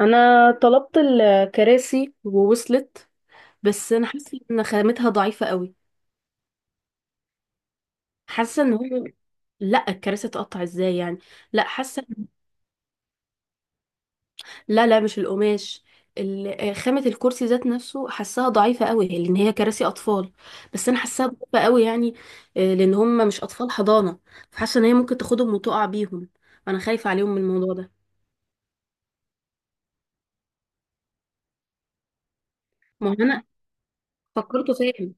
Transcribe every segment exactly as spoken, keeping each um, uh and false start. انا طلبت الكراسي ووصلت. بس انا حاسه ان خامتها ضعيفه قوي. حاسه ان هو لا، الكراسي تقطع ازاي يعني؟ لا حاسه لا لا، مش القماش. ال- آه، خامه الكرسي ذات نفسه، حاساها ضعيفه قوي لان هي كراسي اطفال. بس انا حاساها ضعيفه قوي يعني. آه، لان هم مش اطفال حضانه. فحاسه ان هي ممكن تاخدهم وتقع بيهم. انا خايفه عليهم من الموضوع ده. ما هو انا فكرته فيا.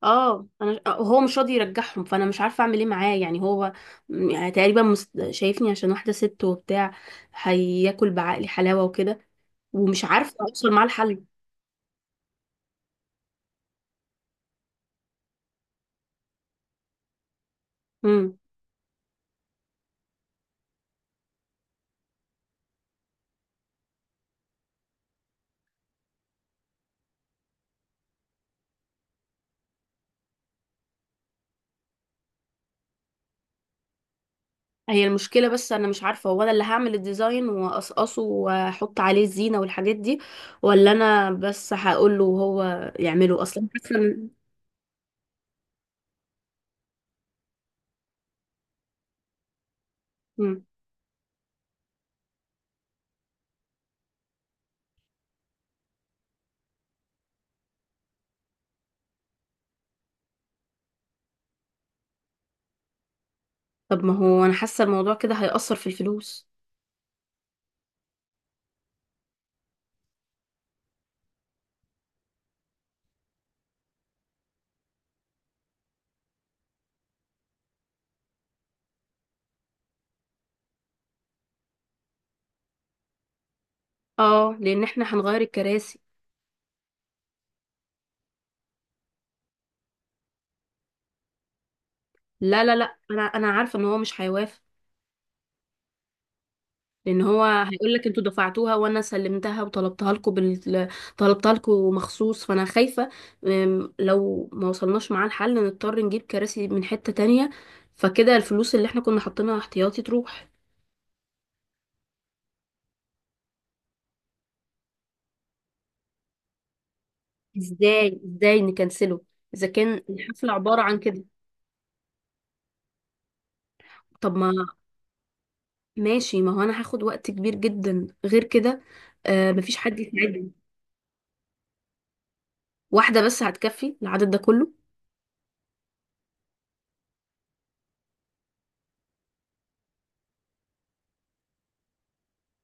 اه انا، آه، هو مش راضي يرجعهم، فانا مش عارفه اعمل ايه معاه يعني. هو م- يعني تقريبا مس- شايفني عشان واحده ست وبتاع، هياكل بعقلي حلاوه وكده، ومش عارفه اوصل معاه الحل. امم. هي المشكله، بس انا مش عارفه، هو انا اللي هعمل الديزاين واقصقصه واحط عليه الزينه والحاجات دي، ولا انا بس هقول له وهو يعمله اصلا؟ حاسه إن- مم. طب ما هو انا حاسه الموضوع كده هيأثر في الفلوس. اه، لان احنا هنغير الكراسي. لا لا لا، انا انا عارفه ان هو مش هيوافق. لان هو هيقول لك انتوا دفعتوها وانا سلمتها، وطلبتها لكم بال... طلبتها لكم مخصوص، فانا خايفه. أم، لو ما وصلناش معاه الحل نضطر نجيب كراسي من حته تانية، فكده الفلوس اللي احنا كنا حاطينها احتياطي تروح. ازاي ازاي نكنسله؟ اذا كان الحفله عباره عن كده. طب ما ماشي، ما هو انا هاخد وقت كبير جدا غير كده. آه مفيش حد يساعدني. واحده بس هتكفي العدد ده كله؟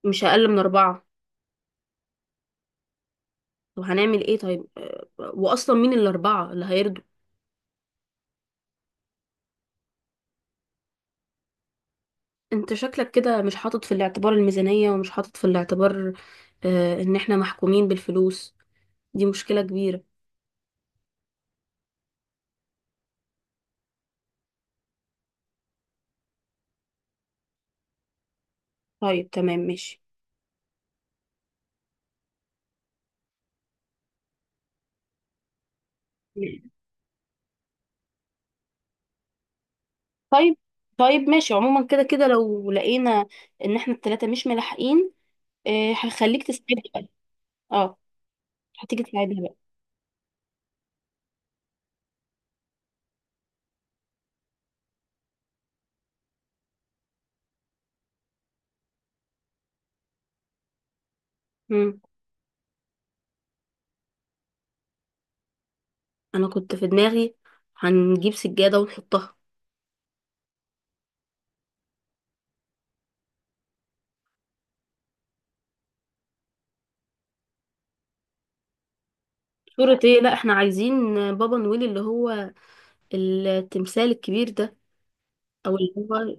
مش اقل من اربعه. طب هنعمل ايه طيب؟ آه، واصلا مين الاربعه اللي هيرضوا؟ انت شكلك كده مش حاطط في الاعتبار الميزانية، ومش حاطط في الاعتبار آه ان احنا محكومين بالفلوس. دي مشكلة كبيرة. طيب تمام، ماشي. طيب، طيب ماشي، عموما كده كده لو لقينا ان احنا التلاتة مش ملاحقين، آه هخليك تساعد بقى. اه، هتيجي تساعدها بقى. مم. انا كنت في دماغي هنجيب سجادة ونحطها. صورة ايه؟ لا، احنا عايزين بابا نويل، اللي هو التمثال الكبير ده، او اللي هو...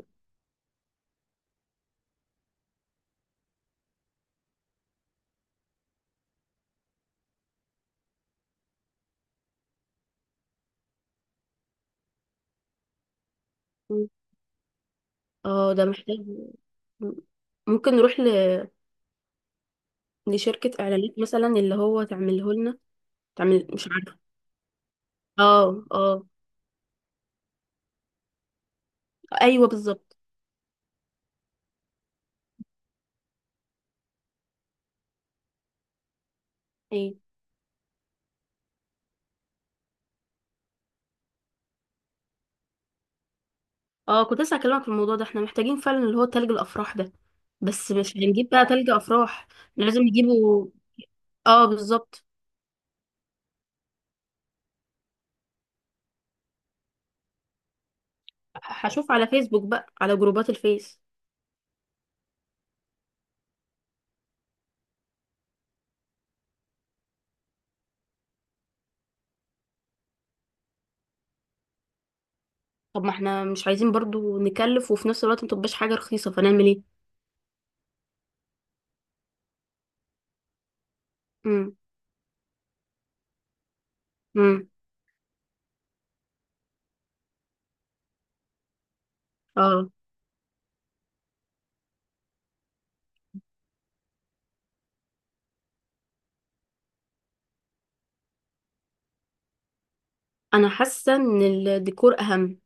اه، ده محتاج. ممكن نروح ل... لشركة اعلانات مثلا اللي هو تعمله لنا، تعمل مش عارفة. اه اه. ايوه بالظبط. ايه؟ اه، كنت لسه هكلمك في الموضوع ده، احنا محتاجين فعلا اللي هو تلج الافراح ده. بس مش هنجيب بقى تلج افراح. إحنا لازم نجيبه. اه بالظبط. هشوف على فيسبوك بقى، على جروبات الفيس. طب ما احنا مش عايزين برضو نكلف، وفي نفس الوقت متبقاش حاجة رخيصة، فنعمل ايه؟ امم. امم. اه. انا حاسة ان الديكور اهم،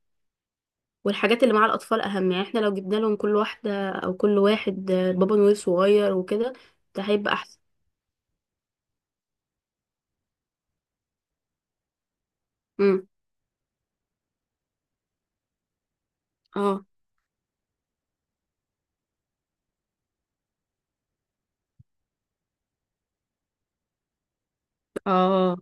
والحاجات اللي مع الأطفال أهم. يعني احنا لو جبنا لهم كل واحدة أو كل واحد آه، بابا نويل صغير وكده، ده هيبقى أحسن. امم. اه. اه.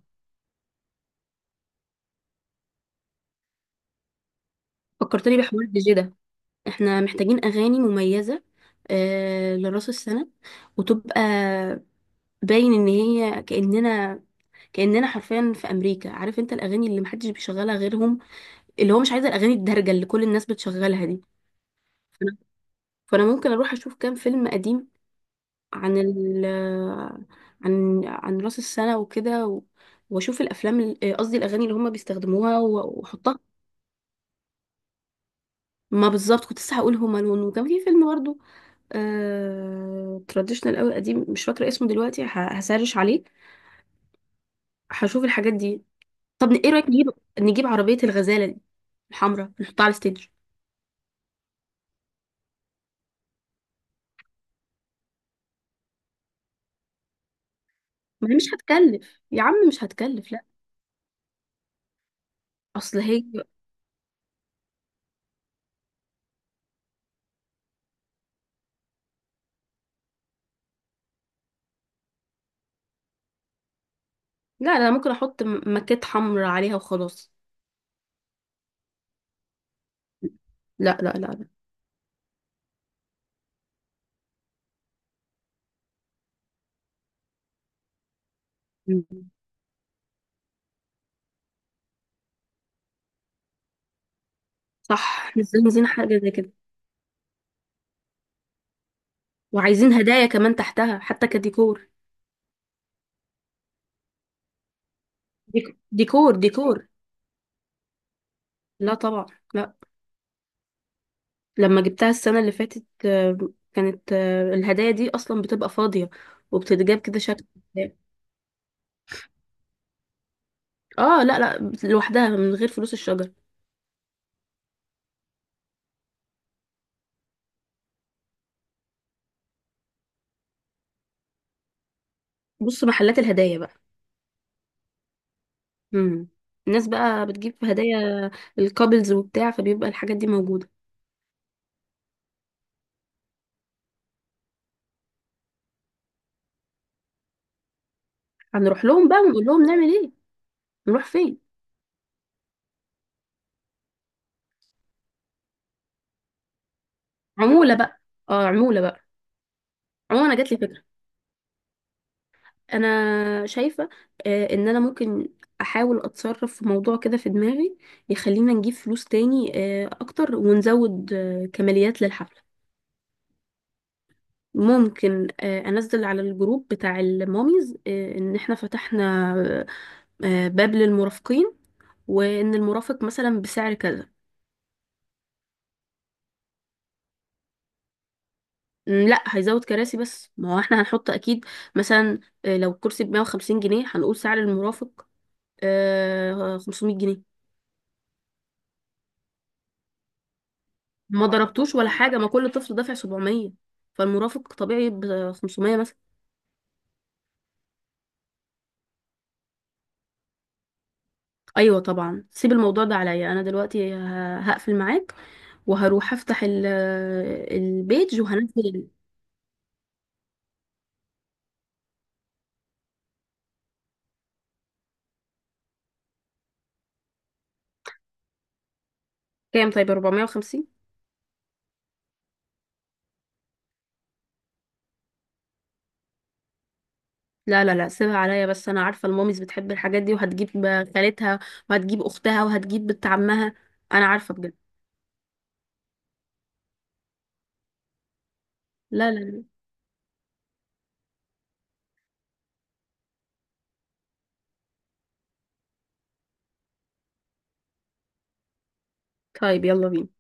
فكرتني بحوار الدي جي ده، احنا محتاجين أغاني مميزة آه لراس السنة، وتبقى باين إن هي كأننا، كأننا حرفيا في أمريكا. عارف انت الأغاني اللي محدش بيشغلها غيرهم، اللي هو مش عايز الأغاني الدارجة اللي كل الناس بتشغلها دي. فأنا فأنا ممكن أروح أشوف كام فيلم قديم، عن ال عن عن راس السنة وكده، و- واشوف الافلام ال- آه، قصدي الاغاني اللي هما بيستخدموها و- واحطها. ما بالظبط، كنت لسه هقول هما لون، وكان في فيلم برضه آه... تراديشنال قوي قديم، مش فاكرة اسمه دلوقتي، ه- هسرش عليه. هشوف الحاجات دي. طب ايه رأيك، نجيب نجيب عربية الغزالة دي الحمراء، نحطها على الستيج. ما هي مش هتكلف يا عم، مش هتكلف، لا. اصل هي... لا لا، ممكن احط م- ماكيت حمراء عليها وخلاص. لا لا لا. لا. صح، مش عايزين حاجة زي كده. وعايزين هدايا كمان تحتها حتى كديكور. ديك- ديكور ديكور. لا طبعا. لا. لما جبتها السنة اللي فاتت، آه، كانت آه، الهدايا دي أصلا بتبقى فاضية، وبتتجاب كده شكل. اه لا لا، لوحدها من غير فلوس الشجر. بص، محلات الهدايا بقى. امم. الناس بقى بتجيب هدايا الكابلز وبتاع، فبيبقى الحاجات دي موجودة. هنروح لهم بقى ونقول لهم نعمل ايه؟ نروح فين؟ عمولة بقى. اه، عمولة بقى. عموما انا جات لي فكرة. انا شايفه آه، ان انا ممكن احاول اتصرف في موضوع كده في دماغي، يخلينا نجيب فلوس تاني آه، اكتر، ونزود آه، كماليات للحفله. ممكن آه، انزل على الجروب بتاع الماميز آه، ان احنا فتحنا آه، باب للمرافقين، وان المرافق مثلا بسعر كذا. م، لا، هيزود كراسي بس، ما هو احنا هنحط اكيد، مثلا آه، لو كرسي ب مئة وخمسين جنيه، هنقول سعر المرافق آه، خمسمائة جنيه. ما ضربتوش ولا حاجة، ما كل طفل دافع سبعميه، فالمرافق طبيعي ب خمسميه مثلا. ايوه طبعا، سيب الموضوع ده عليا، انا دلوقتي ه- هقفل معاك، وهروح افتح ال- البيج وهنزل. كام؟ طيب، اربعميه وخمسين. لا لا لا، سيبها عليا، بس انا عارفة الماميز بتحب الحاجات دي، وهتجيب خالتها وهتجيب اختها وهتجيب بنت عمها. انا عارفة بجد. لا لا لا. طيب يلا بينا.